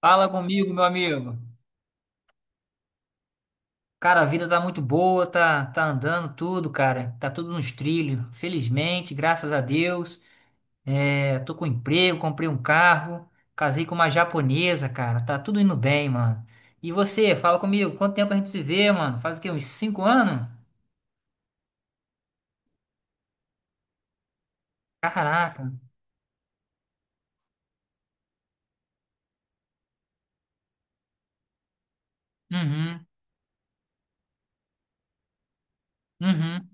Fala comigo, meu amigo. Cara, a vida tá muito boa, tá, tá andando tudo, cara. Tá tudo nos trilhos. Felizmente, graças a Deus. É, tô com emprego, comprei um carro, casei com uma japonesa, cara. Tá tudo indo bem, mano. E você, fala comigo, quanto tempo a gente se vê, mano? Faz o quê? Uns 5 anos? Caraca. Uhum, uhum.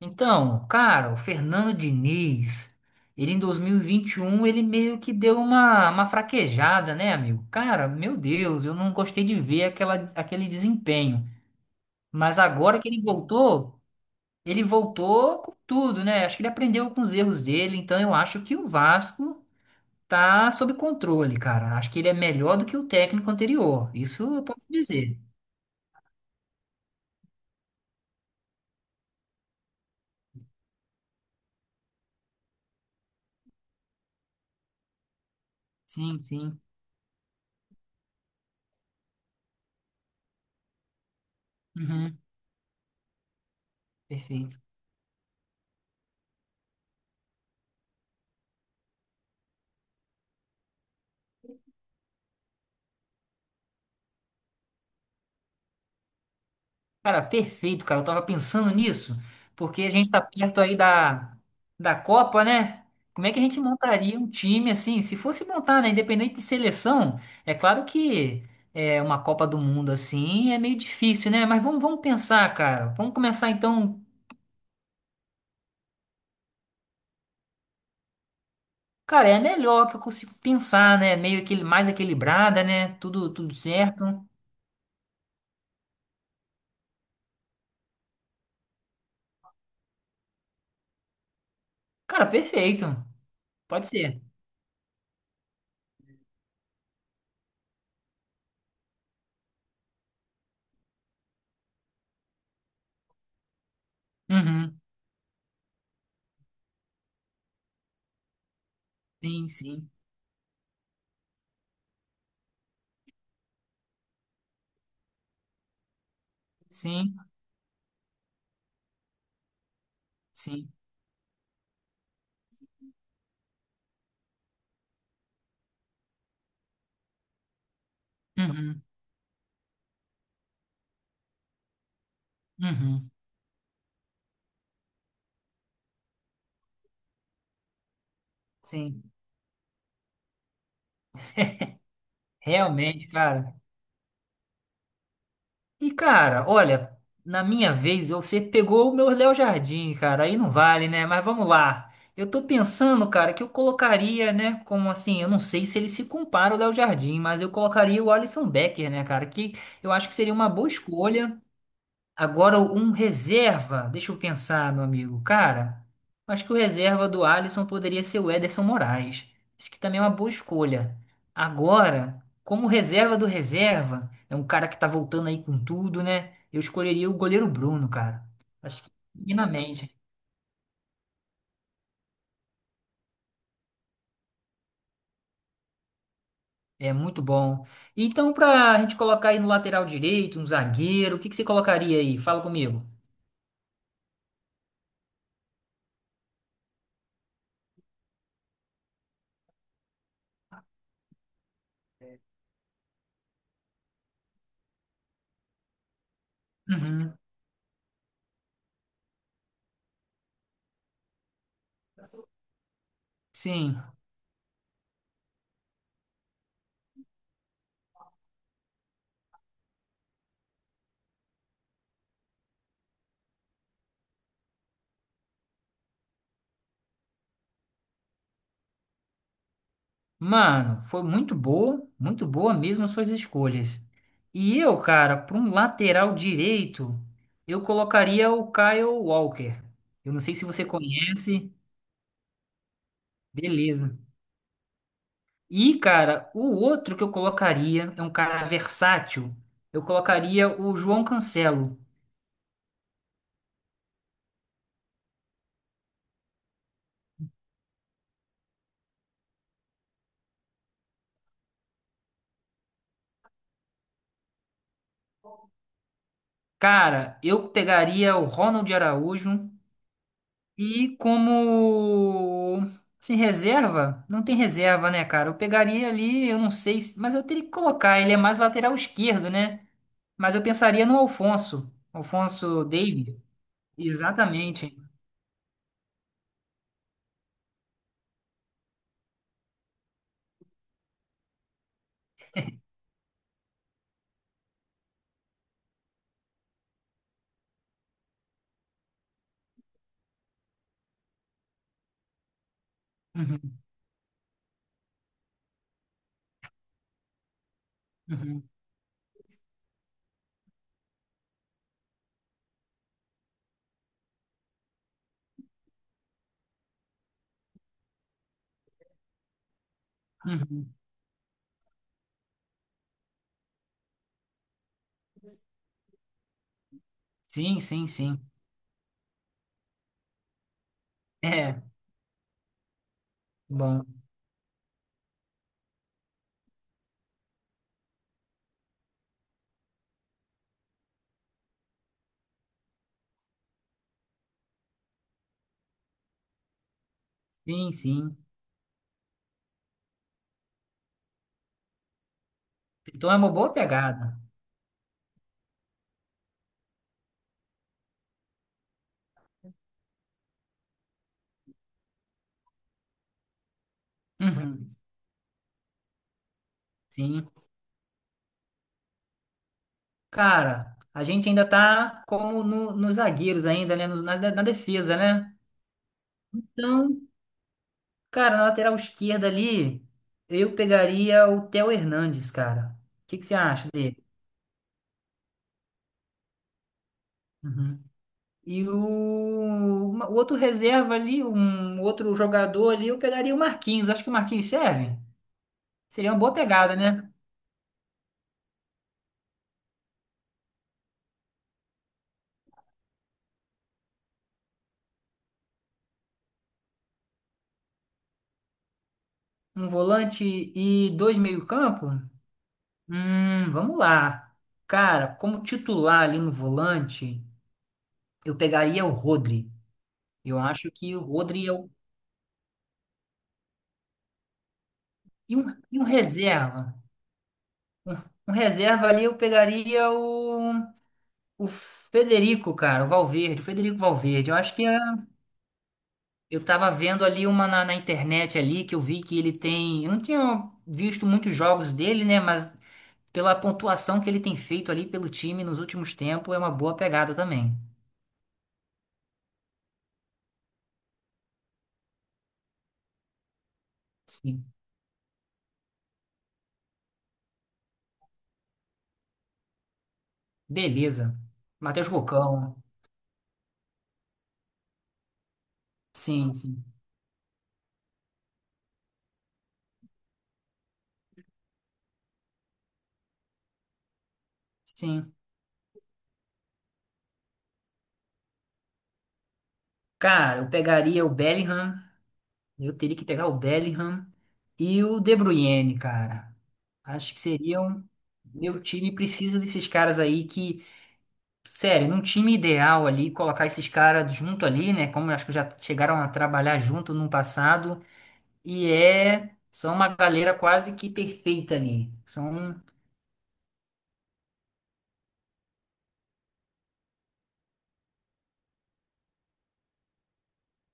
Então, cara, o Fernando Diniz, ele em dois mil e vinte e um, ele meio que deu uma fraquejada, né, amigo? Cara, meu Deus, eu não gostei de ver aquela, aquele desempenho. Mas agora que ele voltou com tudo, né? Acho que ele aprendeu com os erros dele, então eu acho que o Vasco tá sob controle, cara. Acho que ele é melhor do que o técnico anterior. Isso eu posso dizer. Sim, sim. Uhum, perfeito. Cara, perfeito, cara. Eu tava pensando nisso, porque a gente tá perto aí da Copa, né? Como é que a gente montaria um time assim? Se fosse montar, né? Independente de seleção, é claro que é uma Copa do Mundo assim é meio difícil, né? Mas vamos, vamos pensar, cara. Vamos começar então. Cara, é a melhor que eu consigo pensar, né? Meio aquele, mais equilibrada, né? Tudo, tudo certo. Cara, perfeito. Pode ser. Uhum. Sim, sim. Sim, sim. Uhum. Uhum. Sim. Realmente, cara. E, cara, olha, na minha vez, você pegou o meu Léo Jardim, cara. Aí não vale, né? Mas vamos lá. Eu tô pensando, cara, que eu colocaria, né? Como assim? Eu não sei se ele se compara ao Léo Jardim, mas eu colocaria o Alisson Becker, né, cara? Que eu acho que seria uma boa escolha. Agora, um reserva, deixa eu pensar, meu amigo. Cara, acho que o reserva do Alisson poderia ser o Ederson Moraes. Isso que também é uma boa escolha. Agora, como reserva do reserva, é um cara que tá voltando aí com tudo, né? Eu escolheria o goleiro Bruno, cara. Acho que minimamente. É muito bom. Então, pra gente colocar aí no lateral direito, um zagueiro, o que que você colocaria aí? Fala comigo. Uhum. Sim. Mano, foi muito boa mesmo as suas escolhas. E eu, cara, para um lateral direito, eu colocaria o Kyle Walker. Eu não sei se você conhece, beleza. E, cara, o outro que eu colocaria é um cara versátil. Eu colocaria o João Cancelo. Cara, eu pegaria o Ronald Araújo. E como assim, reserva, não tem reserva, né, cara? Eu pegaria ali, eu não sei, se- mas eu teria que colocar, ele é mais lateral esquerdo, né? Mas eu pensaria no Alfonso Davies. Exatamente. Uhum, uhum, uhum. Sim, sim, sim. É, bom. Sim, sim. Então é uma boa pegada. Uhum, sim. Cara, a gente ainda tá como no, nos zagueiros ainda, né? Nos- na defesa, né? Então, cara, na lateral esquerda ali, eu pegaria o Theo Hernandes, cara. O que que você acha dele? Uhum. E o, uma- o outro reserva ali, um outro jogador ali, eu pegaria o Marquinhos. Acho que o Marquinhos serve. Seria uma boa pegada, né? Um volante e dois meio-campo? Vamos lá. Cara, como titular ali no volante, eu pegaria o Rodri. Eu acho que o Rodri é o. E um reserva. Um reserva ali eu pegaria o. O Federico, cara, o Valverde, o Federico Valverde, eu acho que é- eu tava vendo ali uma na internet ali que eu vi que ele tem. Eu não tinha visto muitos jogos dele, né? Mas pela pontuação que ele tem feito ali pelo time nos últimos tempos, é uma boa pegada também. Sim. Beleza. Matheus Cocão. Sim, sim. Sim. Cara, eu pegaria o Bellingham. Eu teria que pegar o Bellingham e o De Bruyne, cara. Acho que seriam. Meu time precisa desses caras aí que sério, num time ideal ali, colocar esses caras junto ali, né? Como eu acho que já chegaram a trabalhar junto no passado. E é. São uma galera quase que perfeita ali. São.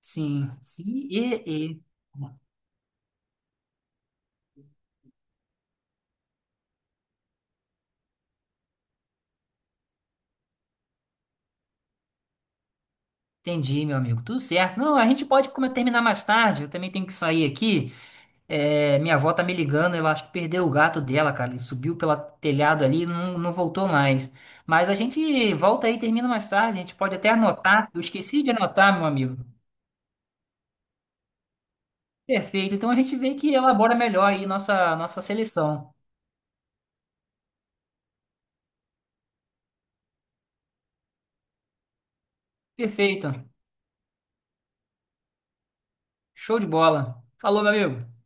Sim. Sim e. Entendi, meu amigo. Tudo certo. Não, a gente pode como, terminar mais tarde. Eu também tenho que sair aqui. É, minha avó tá me ligando. Eu acho que perdeu o gato dela, cara. Ele subiu pelo telhado ali e não, não voltou mais. Mas a gente volta aí e termina mais tarde. A gente pode até anotar. Eu esqueci de anotar, meu amigo. Perfeito. Então a gente vê que elabora melhor aí nossa seleção. Perfeito. Show de bola. Falou, meu amigo.